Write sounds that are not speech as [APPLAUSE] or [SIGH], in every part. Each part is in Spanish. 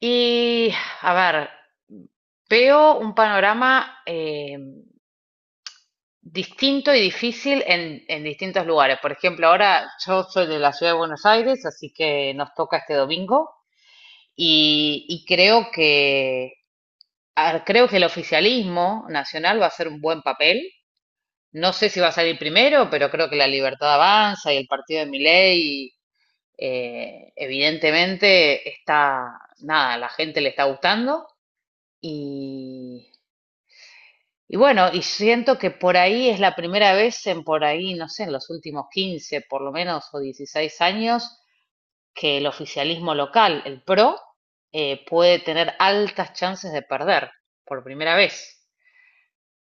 Y, a ver, veo un panorama distinto y difícil en distintos lugares. Por ejemplo, ahora yo soy de la Ciudad de Buenos Aires, así que nos toca este domingo y creo que a ver, creo que el oficialismo nacional va a hacer un buen papel. No sé si va a salir primero, pero creo que La Libertad Avanza y el partido de Milei, evidentemente, está, nada, la gente le está gustando. Y Y bueno, y siento que por ahí es la primera vez en por ahí, no sé, en los últimos 15 por lo menos o 16 años, que el oficialismo local, el PRO, puede tener altas chances de perder por primera vez.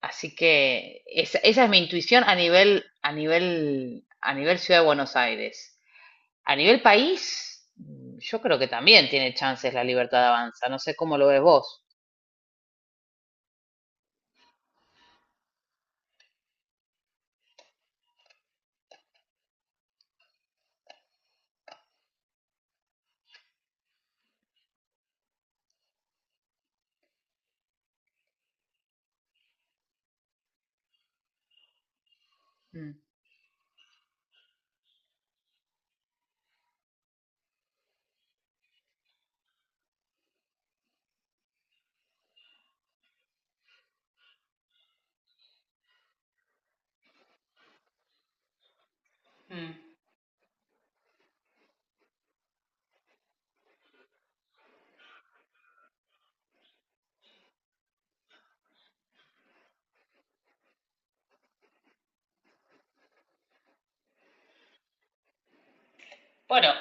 Así que esa es mi intuición a nivel, a nivel, a nivel Ciudad de Buenos Aires. A nivel país, yo creo que también tiene chances La Libertad Avanza. No sé cómo lo ves vos. Mm. Mm. Bueno,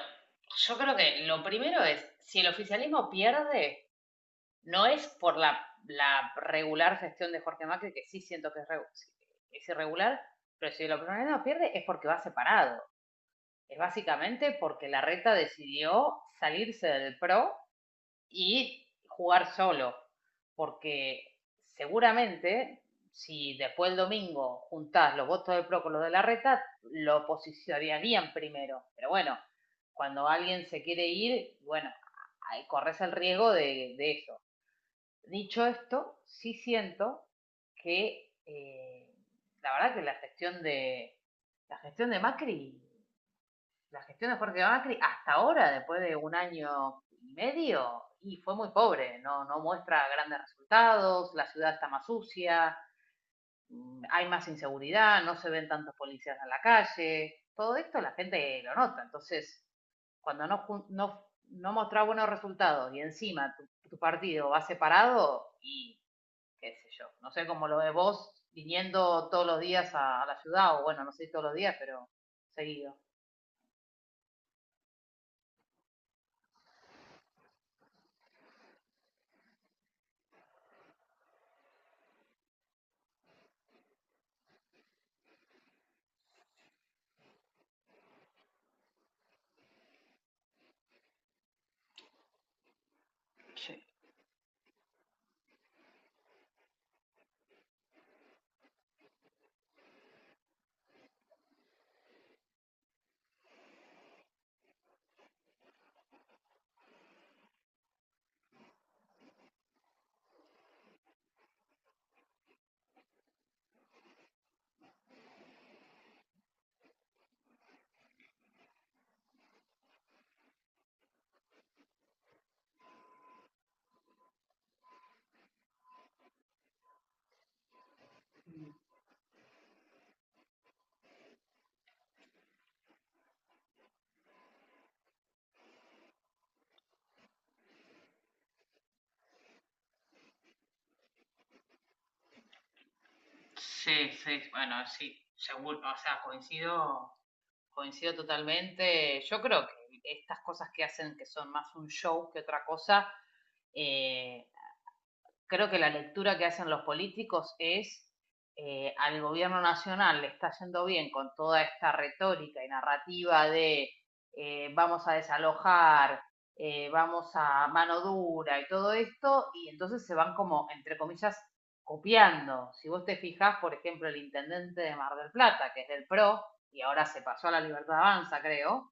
yo creo que lo primero es, si el oficialismo pierde, no es por la regular gestión de Jorge Macri, que sí siento que es irregular, pero si el oficialismo pierde es porque va separado. Es básicamente porque la reta decidió salirse del PRO y jugar solo, porque seguramente si después el domingo juntás los votos de PRO con los de la reta, lo posicionarían primero. Pero bueno, cuando alguien se quiere ir, bueno, corres el riesgo de, eso. Dicho esto, sí siento que la verdad que la gestión de Macri la gestión de Jorge Macri hasta ahora, después de un año y medio, y fue muy pobre, no, no muestra grandes resultados, la ciudad está más sucia, hay más inseguridad, no se ven tantos policías en la calle, todo esto la gente lo nota, entonces cuando no mostras buenos resultados y encima tu partido va separado y qué sé yo, no sé cómo lo ves vos viniendo todos los días a la ciudad, o bueno, no sé si todos los días, pero seguido. Sí, sí, bueno, sí, seguro, o sea, coincido, coincido totalmente. Yo creo que estas cosas que hacen que son más un show que otra cosa, eh, creo que la lectura que hacen los políticos es al gobierno nacional le está yendo bien con toda esta retórica y narrativa de vamos a desalojar, vamos a mano dura y todo esto, y entonces se van como, entre comillas, copiando. Si vos te fijás, por ejemplo, el intendente de Mar del Plata, que es del PRO, y ahora se pasó a La Libertad Avanza, creo,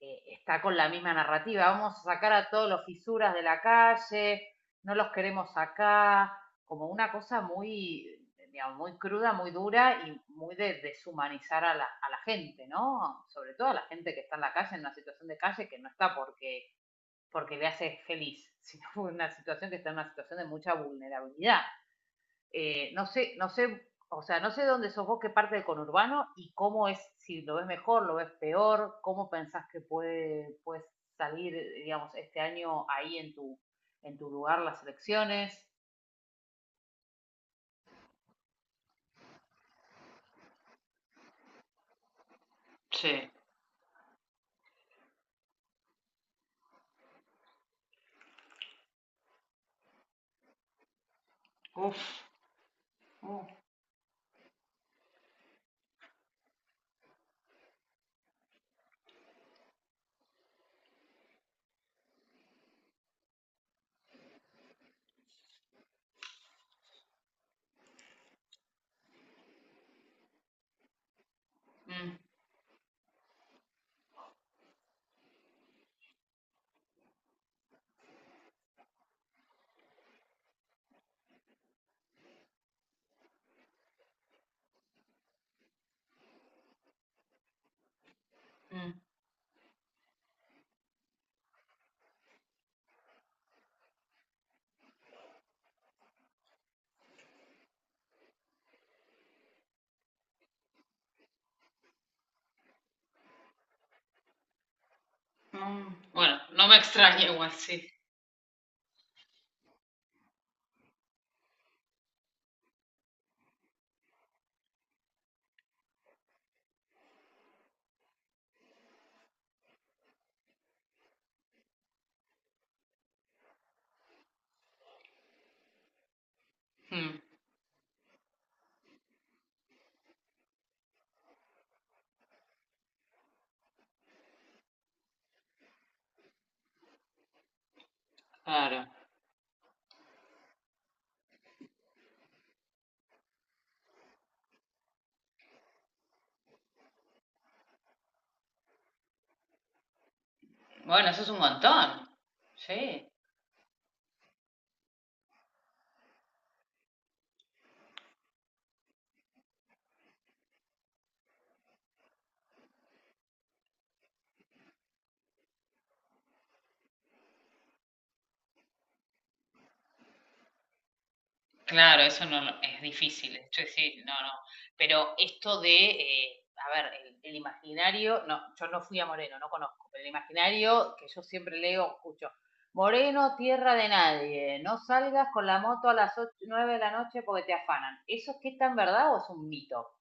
está con la misma narrativa. Vamos a sacar a todos los fisuras de la calle, no los queremos acá, como una cosa muy, digamos, muy cruda, muy dura y muy de deshumanizar a la gente, ¿no? Sobre todo a la gente que está en la calle, en una situación de calle que no está porque, porque le hace feliz, [LAUGHS] sino una situación que está en una situación de mucha vulnerabilidad no sé, no sé, o sea, no sé dónde sos vos, qué parte del conurbano y cómo es, si lo ves mejor, lo ves peor, cómo pensás que puede, puede salir, digamos, este año ahí en tu lugar las elecciones. Sí. Uff. Uf. Mm, mm, mm. Bueno, no me extraña igual, sí. Mm. Claro. Bueno, eso es un montón. Sí. Claro, eso no lo- es difícil. Esto es sí, no, no. Pero esto de, a ver, el imaginario, no, yo no fui a Moreno, no conozco, pero el imaginario que yo siempre leo, escucho, Moreno, tierra de nadie, no salgas con la moto a las 8, 9 de la noche porque te afanan. ¿Eso es que tan verdad o es un mito?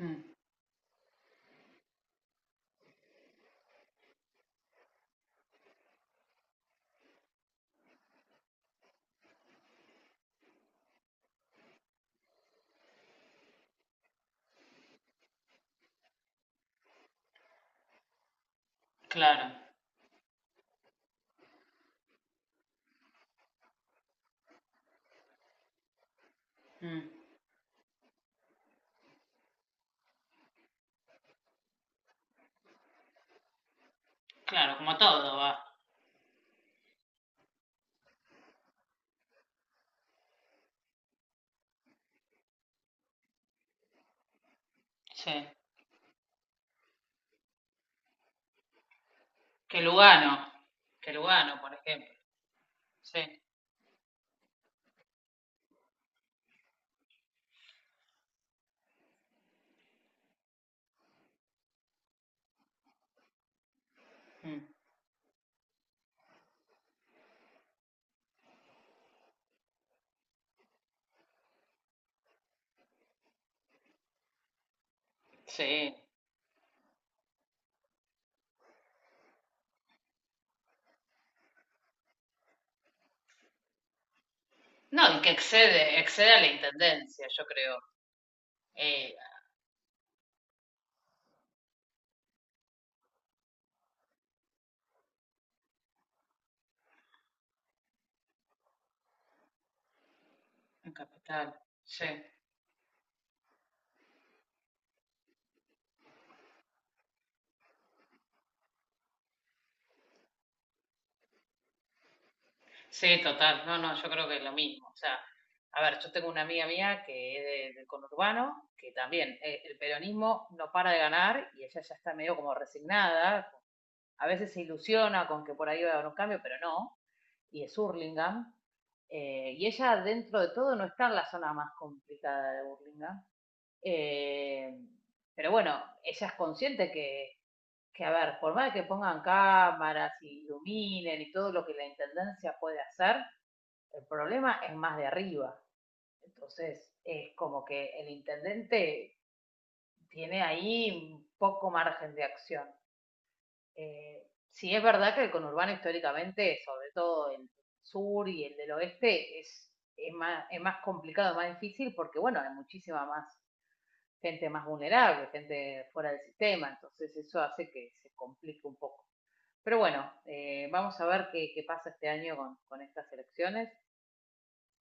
Mm, claro, mm, claro, como todo va. Sí. Que Lugano, que Lugano, por ejemplo. Sí, mm, sí. No, y que excede, excede a la intendencia, yo creo, eh, en capital. Sí, sí, total. No, no, yo creo que es lo mismo. O sea, a ver, yo tengo una amiga mía que del conurbano, que también el peronismo no para de ganar y ella ya está medio como resignada. A veces se ilusiona con que por ahí va a haber un cambio, pero no. Y es Hurlingham. Y ella, dentro de todo, no está en la zona más complicada de Burlingame. Eh, pero bueno, ella es consciente que, a ver, por más que pongan cámaras y iluminen y todo lo que la intendencia puede hacer, el problema es más de arriba. Entonces, es como que el intendente tiene ahí un poco margen de acción. Eh, sí es verdad que el conurbano históricamente, sobre todo el sur y el del oeste, es más complicado, más difícil, porque bueno, hay muchísima más gente más vulnerable, gente fuera del sistema, entonces eso hace que se complique un poco. Pero bueno, vamos a ver qué, qué, pasa este año con estas elecciones.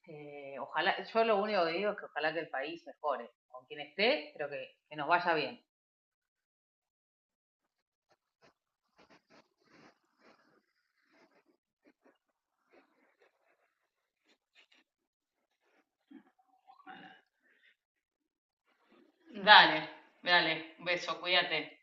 Ojalá, yo lo único que digo es que ojalá que el país mejore, con quien esté, pero que nos vaya bien. Dale, dale, un beso, cuídate.